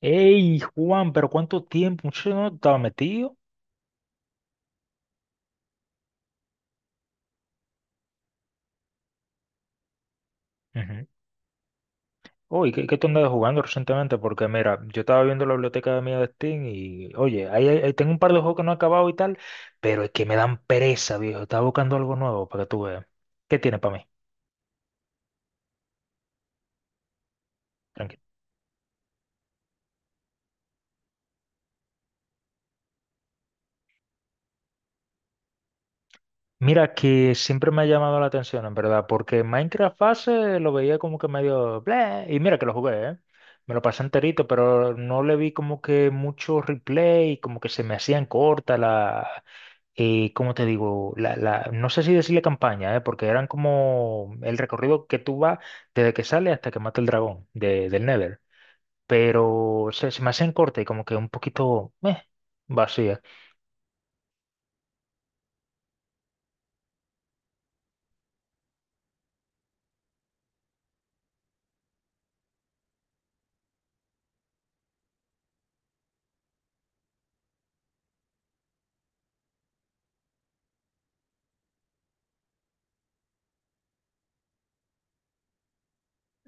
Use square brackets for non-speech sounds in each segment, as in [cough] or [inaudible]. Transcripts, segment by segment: Ey, Juan, pero ¿cuánto tiempo? Muchacho, no estaba metido. Ujú. Oye, ¿qué tú andabas jugando recientemente? Porque mira, yo estaba viendo la biblioteca mía de Steam y, oye, ahí tengo un par de juegos que no he acabado y tal, pero es que me dan pereza, viejo. Estaba buscando algo nuevo para que tú veas. ¿Qué tiene para mí? Tranquilo. Mira, que siempre me ha llamado la atención, en verdad, porque Minecraft Fase lo veía como que medio bleh, y mira que lo jugué, ¿eh? Me lo pasé enterito, pero no le vi como que mucho replay, como que se me hacían cortas las ¿cómo te digo? No sé si decirle campaña, porque eran como el recorrido que tú vas desde que sale hasta que mata el dragón de, del Nether. Pero se me hacen corte y como que un poquito vacía.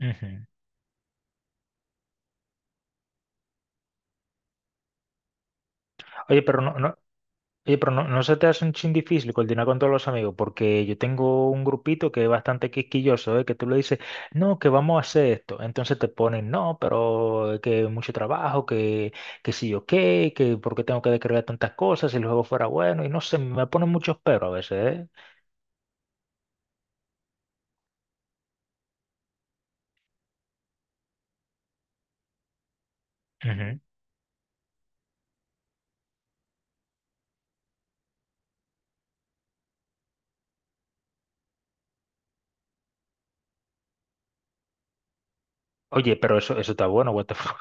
Ujú. Oye, pero no, no, Oye, pero no, no se te hace un chin difícil coordinar con todos los amigos, porque yo tengo un grupito que es bastante quisquilloso, ¿eh? Que tú le dices, no, que vamos a hacer esto. Entonces te ponen, no, pero que mucho trabajo, que sí o qué, que porque tengo que descargar tantas cosas, si el juego fuera bueno, y no sé, me ponen muchos pero a veces, ¿eh? Oye, pero eso está bueno, what the fuck.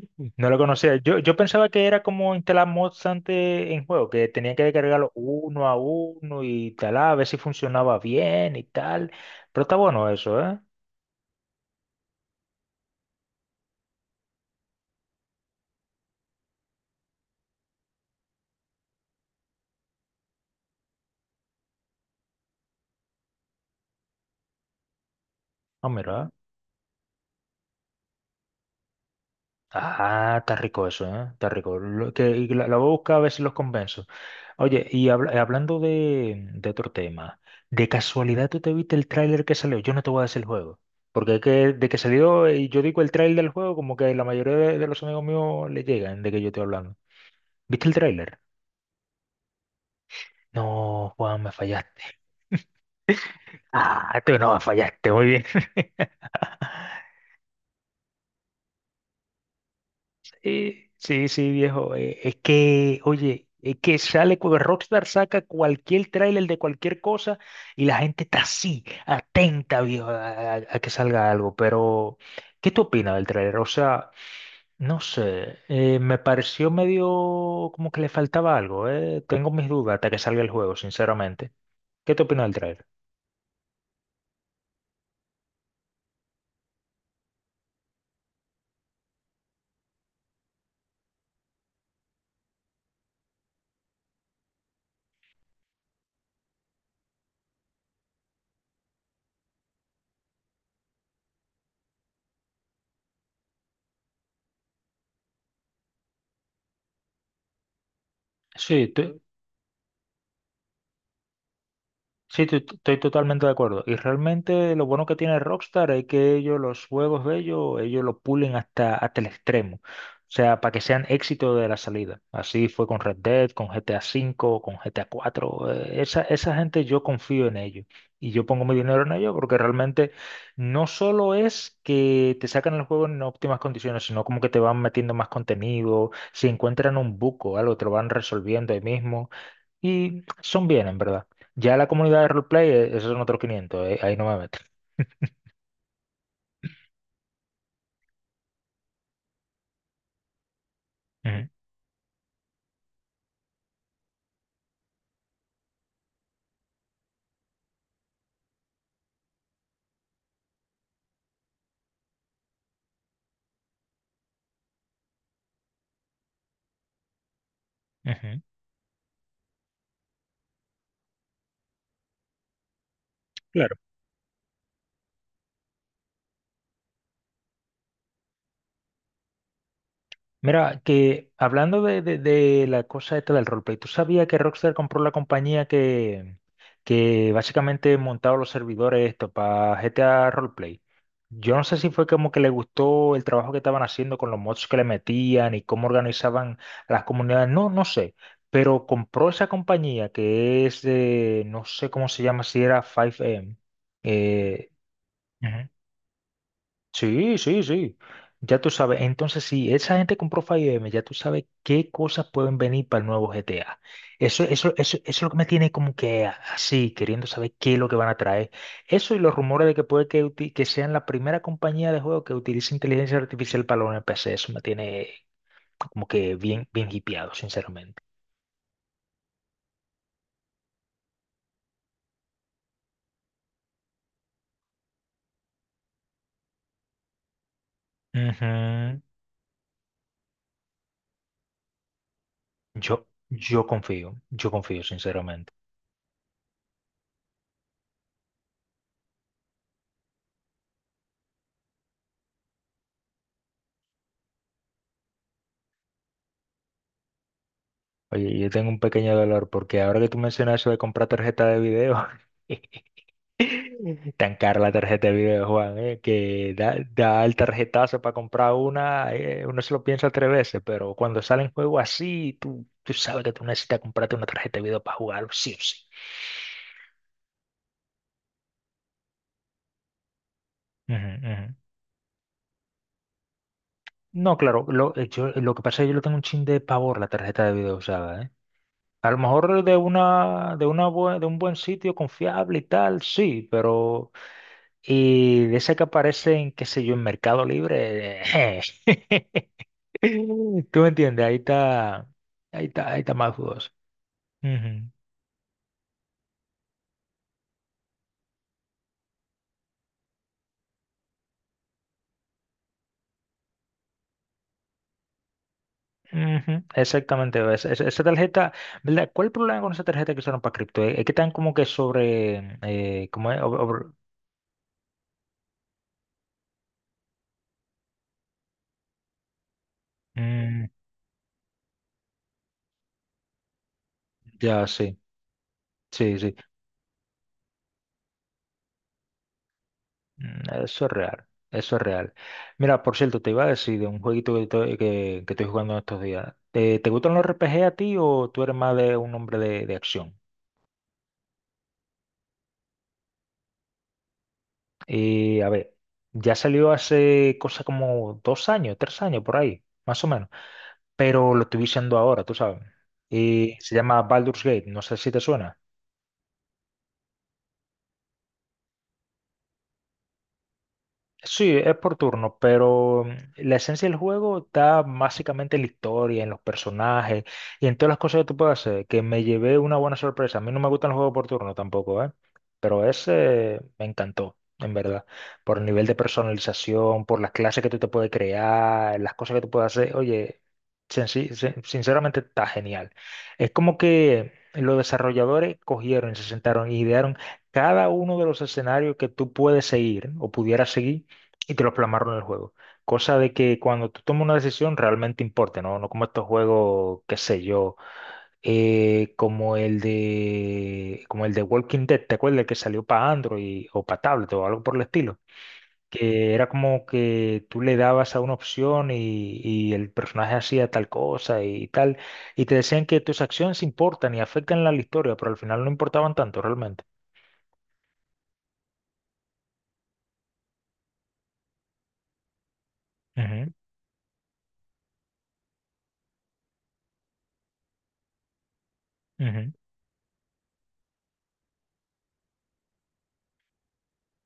[laughs] No lo conocía. Yo pensaba que era como instalar mods antes en juego, que tenía que descargarlo uno a uno y tal, a ver si funcionaba bien y tal. Pero está bueno eso, ¿eh? Ah, mira. Ah, está rico eso, ¿eh? Está rico. Lo que, y la voy a buscar a ver si los convenzo. Oye, y hablando de otro tema, ¿de casualidad tú te viste el tráiler que salió? Yo no te voy a decir el juego, porque es que de que salió, y yo digo el tráiler del juego, como que la mayoría de los amigos míos le llegan de que yo estoy hablando. ¿Viste el tráiler? No, Juan, me fallaste. Ah, tú no me fallaste, muy bien. [laughs] Sí, sí, viejo. Es que, oye, es que sale, Rockstar saca cualquier tráiler de cualquier cosa y la gente está así, atenta, viejo, a que salga algo. Pero, ¿qué tú opinas del tráiler? O sea, no sé, me pareció medio como que le faltaba algo, Tengo mis dudas hasta que salga el juego, sinceramente. ¿Qué tú opinas del tráiler? Sí, sí, estoy totalmente de acuerdo. Y realmente lo bueno que tiene Rockstar es que ellos los juegos de ellos, ellos lo pulen hasta, hasta el extremo. O sea, para que sean éxito de la salida. Así fue con Red Dead, con GTA V, con GTA IV. Esa, esa gente yo confío en ellos. Y yo pongo mi dinero en ellos porque realmente no solo es que te sacan el juego en óptimas condiciones, sino como que te van metiendo más contenido. Si encuentran un buco, algo, te lo van resolviendo ahí mismo. Y son bien, en verdad. Ya la comunidad de roleplay, esos son otros 500, ahí no me meto. Ujú, ujú. Claro. Mira, que hablando de, de la cosa esta del roleplay, ¿tú sabías que Rockstar compró la compañía que básicamente montaba los servidores esto para GTA Roleplay? Yo no sé si fue como que le gustó el trabajo que estaban haciendo con los mods que le metían y cómo organizaban las comunidades, no, no sé, pero compró esa compañía que es de, no sé cómo se llama, si era 5M. Eh, Sí, sí, sí. Ya tú sabes. Entonces, si esa gente compró 5M, ya tú sabes qué cosas pueden venir para el nuevo GTA. Eso, eso, eso, eso es lo que me tiene como que así, queriendo saber qué es lo que van a traer. Eso y los rumores de que puede que, que sean la primera compañía de juego que utilice inteligencia artificial para los NPC. Eso me tiene como que bien, bien hipeado, sinceramente. Ujú. Yo confío, yo confío, sinceramente. Oye, yo tengo un pequeño dolor porque ahora que tú mencionas eso de comprar tarjeta de video. [laughs] Tan cara la tarjeta de video, Juan, que da, da el tarjetazo para comprar una, uno se lo piensa tres veces, pero cuando sale en juego así, tú sabes que tú necesitas comprarte una tarjeta de video para jugarlo, sí o sí. Ujú, ujú. No, claro, lo que pasa es que yo le tengo un chin de pavor a la tarjeta de video usada, ¿eh? A lo mejor de una, de un buen sitio confiable y tal, sí, pero y de esa que aparecen, qué sé yo, en Mercado Libre, [laughs] [laughs] tú me entiendes, ahí está, ahí está, ahí está más dudoso. Ujú, ujú, exactamente, ves, esa tarjeta, ¿verdad? ¿Cuál es el problema con esa tarjeta que usaron para cripto? Es que están como que sobre, ¿cómo es? Mm, ya, sí, sí, sí. Mm, eso es real, eso es real. Mira, por cierto, te iba a decir de un jueguito que estoy jugando en estos días. ¿Te gustan los RPG a ti o tú eres más de un hombre de acción? Y a ver, ya salió hace cosa como 2 años, 3 años por ahí, más o menos. Pero lo estoy viendo ahora, tú sabes. Y se llama Baldur's Gate, no sé si te suena. Sí, es por turno, pero la esencia del juego está básicamente en la historia, en los personajes y en todas las cosas que tú puedes hacer, que me llevé una buena sorpresa. A mí no me gustan los juegos por turno tampoco, ¿eh? Pero ese me encantó, en verdad, por el nivel de personalización, por las clases que tú te puedes crear, las cosas que tú puedes hacer. Oye, sinceramente está genial. Es como que los desarrolladores cogieron, y se sentaron y idearon cada uno de los escenarios que tú puedes seguir o pudieras seguir y te lo plasmaron en el juego. Cosa de que cuando tú tomas una decisión realmente importe, ¿no? No como estos juegos, qué sé yo, como el de Walking Dead, ¿te acuerdas que salió para Android o para tablet o algo por el estilo? Que era como que tú le dabas a una opción y el personaje hacía tal cosa y tal, y te decían que tus acciones importan y afectan la historia, pero al final no importaban tanto realmente. Ujú, ujú.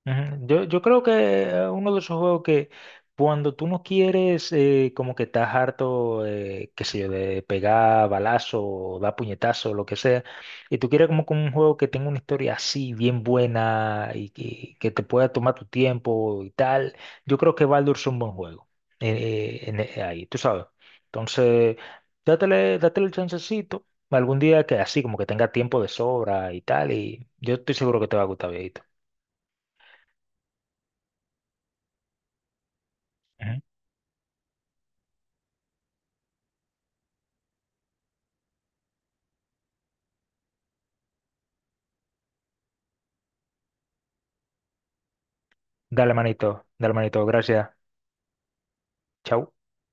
Ujú. Yo creo que uno de esos juegos que cuando tú no quieres, como que estás harto, qué sé yo, de pegar balazo o dar puñetazo, lo que sea, y tú quieres como que un juego que tenga una historia así, bien buena y que te pueda tomar tu tiempo y tal, yo creo que Baldur es un buen juego. Ahí, tú sabes. Entonces, dátele, dátele el chancecito algún día que así, como que tenga tiempo de sobra y tal, y yo estoy seguro que te va a gustar, viejito. Dale, manito, gracias. Chau.